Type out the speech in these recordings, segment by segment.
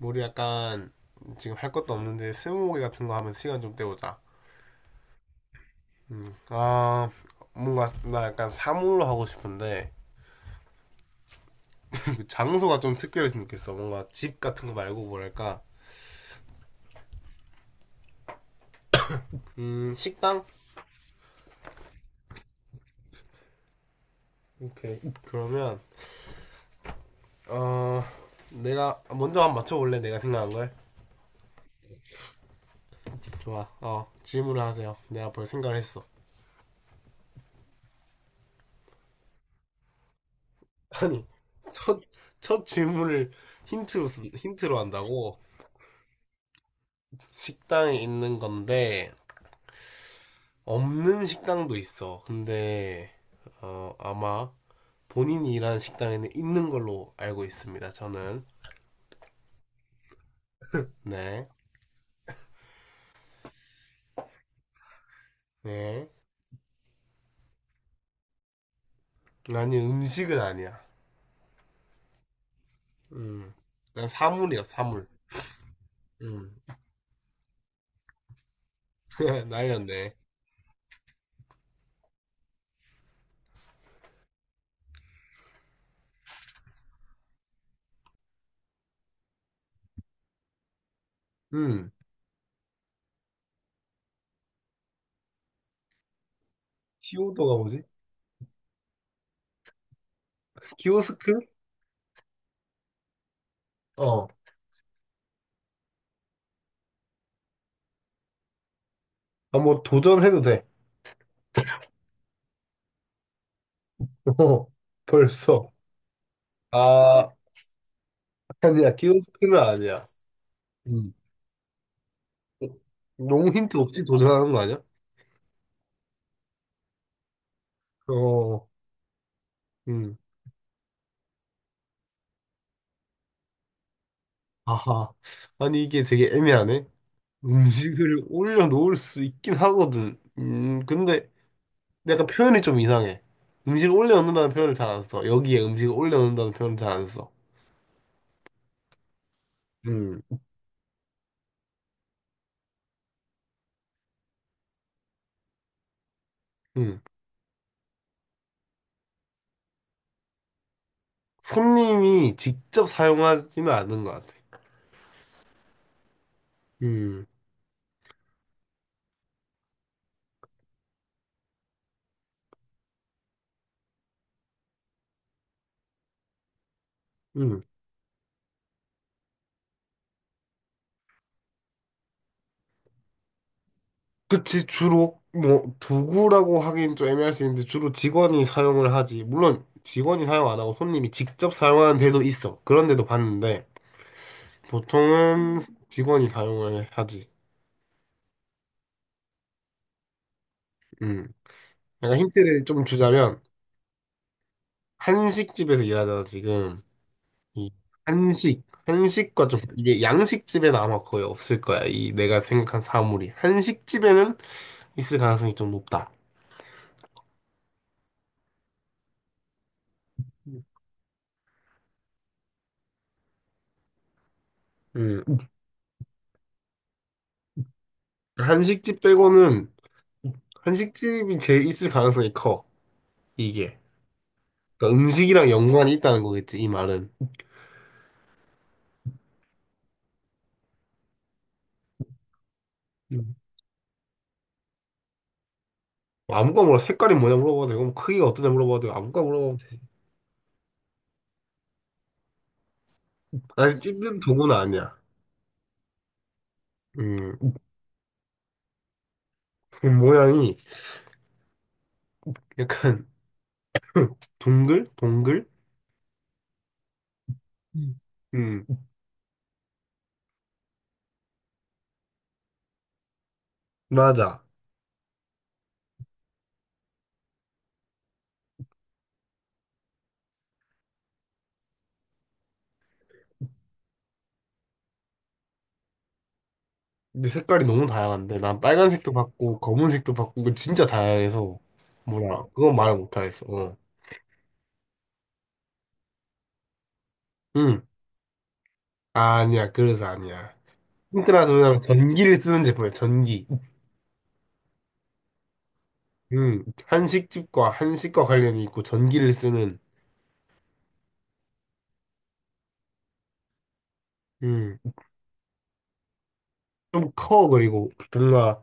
우리 약간 지금 할 것도 없는데 스무고개 같은 거 하면 시간 좀 때우자. 음. 뭔가 나 약간 사물로 하고 싶은데 장소가 좀 특별했으면 좋겠어. 뭔가 집 같은 거 말고 뭐랄까 식당? 오케이. 그러면 어 내가 먼저 한번 맞춰볼래? 내가 생각한 걸? 좋아. 질문을 하세요. 내가 벌 생각을 했어. 아니 첫 첫 질문을 힌트로 한다고. 식당에 있는 건데 없는 식당도 있어. 근데 아마 본인이 일하는 식당에는 있는 걸로 알고 있습니다. 저는. 네, 네. 아니 음식은 아니야. 음, 난 사물이야 사물. 음, 날렸네. 음, 키오도가 뭐지? 키오스크? 어, 뭐 도전해도 돼. 어, 벌써. 아, 아니야 키오스크는 아니야. 음, 너무 힌트 없이 도전하는 거 아니야? 어, 음. 아하. 아니, 이게 되게 애매하네. 음식을 올려놓을 수 있긴 하거든. 근데 약간 표현이 좀 이상해. 음식을 올려놓는다는 표현을 잘 안 써. 여기에 음식을 올려놓는다는 표현을 잘 안 써. 음, 음. 손님이 직접 사용하지는 않는 것 같아. 음, 음. 그치, 주로, 뭐, 도구라고 하긴 좀 애매할 수 있는데, 주로 직원이 사용을 하지. 물론, 직원이 사용 안 하고 손님이 직접 사용하는 데도 있어. 그런 데도 봤는데, 보통은 직원이 사용을 하지. 음. 약간 힌트를 좀 주자면 한식집에서 일하잖아 지금. 이 한식과 좀 이게 양식집에는 아마 거의 없을 거야. 이 내가 생각한 사물이 한식집에는 있을 가능성이 좀 높다. 음. 한식집 빼고는 한식집이 제일 있을 가능성이 커. 이게 그러니까 음식이랑 연관이 있다는 거겠지 이 말은. 음. 아무거나 물어. 색깔이 뭐냐 물어봐도 되고 뭐 크기가 어떠냐 물어봐도 되고 아무거나 물어봐도 되지. 아니 찝는 도구는 아니야. 음. 그 모양이 약간 동글? 동글? 음. 음, 맞아. 근데 색깔이 너무 다양한데, 난 빨간색도 봤고, 검은색도 봤고, 그 진짜 다양해서, 뭐라, 그건 말을 못하겠어. 어. 응. 아니야, 그래서 아니야. 힌트라 서자면 전기를 쓰는 제품이야, 전기. 응. 한식집과 한식과 관련이 있고, 전기를 쓰는. 응. 좀 커, 그리고 뭔가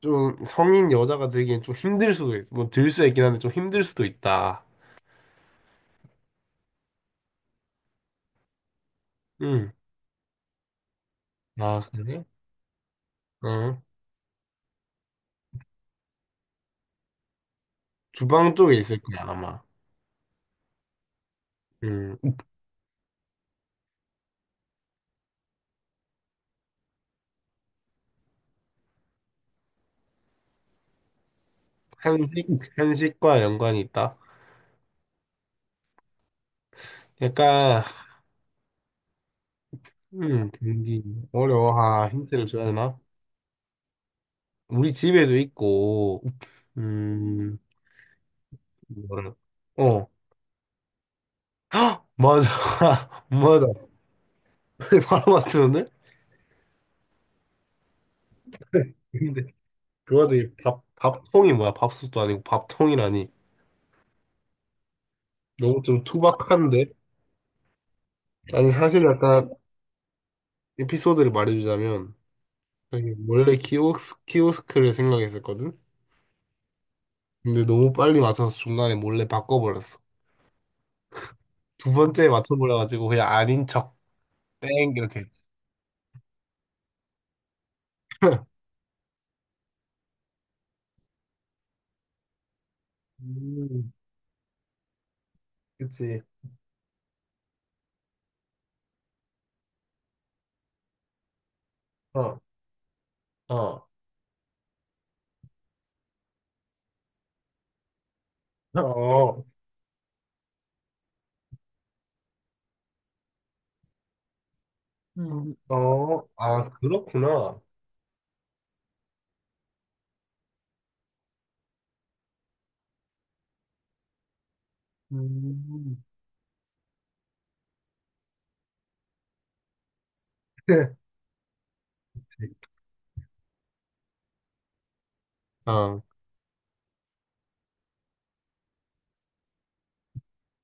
좀 성인 여자가 들기엔 좀 힘들 수도 있어. 뭐, 들 수 있긴 한데 좀 힘들 수도 있다. 응. 아, 그래? 어. 주방 쪽에 있을 거야, 아마. 음, 한식, 한식과 연관이 있다. 약간, 되게 어려워. 아, 힌트를 줘야 되나? 우리 집에도 있고, 음, 뭐랄, 어, 헉! 맞아. 맞아. 바로 맞추는데? 근데, 그거 되게 밥, 밥통이 뭐야? 밥솥도 아니고 밥통이라니. 너무 좀 투박한데? 아니, 사실 약간 에피소드를 말해주자면, 저기 원래 키오스, 키오스크를 생각했었거든? 근데 너무 빨리 맞춰서 중간에 몰래 바꿔버렸어. 두 번째 맞춰버려가지고 그냥 아닌 척, 땡, 이렇게. 음, 그치. 어, 어, 어, 어. 아, 그렇구나. 음. 어,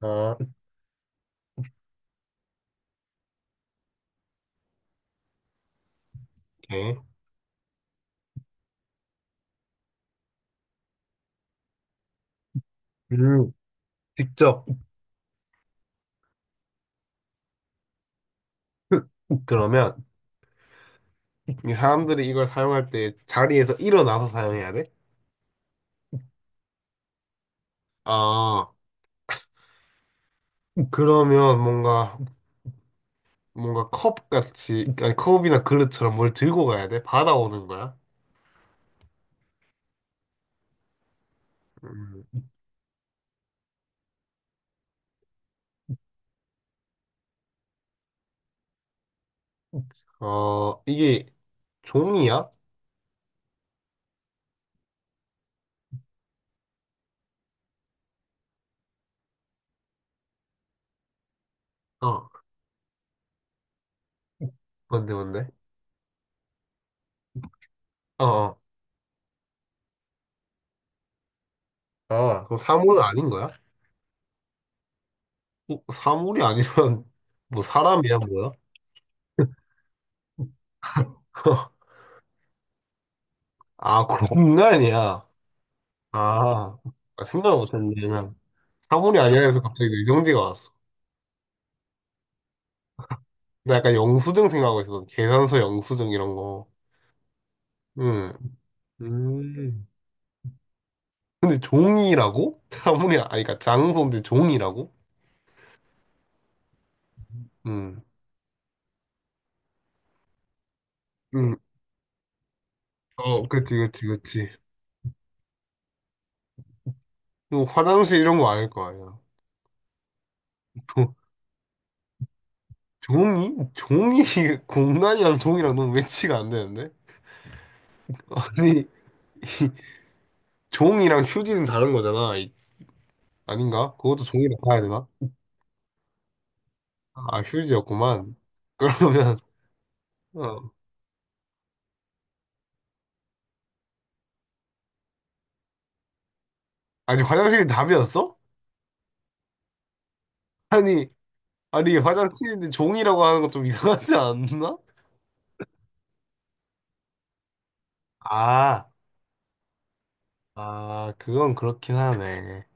어, 오케이. 음, 직접. 그러면 이 사람들이 이걸 사용할 때 자리에서 일어나서 사용해야 돼? 아, 그러면 뭔가 뭔가 컵 같이 아니 컵이나 그릇처럼 뭘 들고 가야 돼? 받아오는 거야? 음. 이게 종이야? 어, 뭔데, 뭔데? 어, 어. 아, 그럼 사물은 아닌 거야? 사물이 아니면, 뭐, 사람이야, 뭐야? 아, 공간이야. 아, 생각을 못했네, 그냥. 사물이 아니라 해서 갑자기 뇌정지가 왔어. 나 약간 영수증 생각하고 있었거든. 계산서 영수증 이런 거. 응. 음. 근데 종이라고? 사물이, 아니, 그러니까 장소인데 종이라고? 응. 응. 어, 그치, 그치, 그치. 이거 화장실 이런 거 아닐 거 아니야. 조- 종이? 종이, 공란이랑 종이랑 너무 매치가 안 되는데? 아니, 종이랑 휴지는 다른 거잖아. 아닌가? 그것도 종이랑 봐야 되나? 아, 휴지였구만. 그러면, 어. 아니, 화장실이 답이었어? 아니, 아니, 화장실인데 종이라고 하는 거 좀 이상하지 않나? 아, 아, 그건 그렇긴 하네.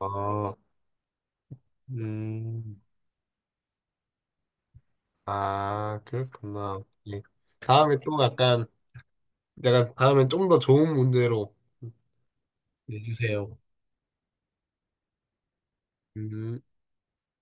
어, 음, 아, 그렇구나. 예. 다음에 또 약간 내가 다음엔 좀 더 좋은 문제로 내주세요. 음.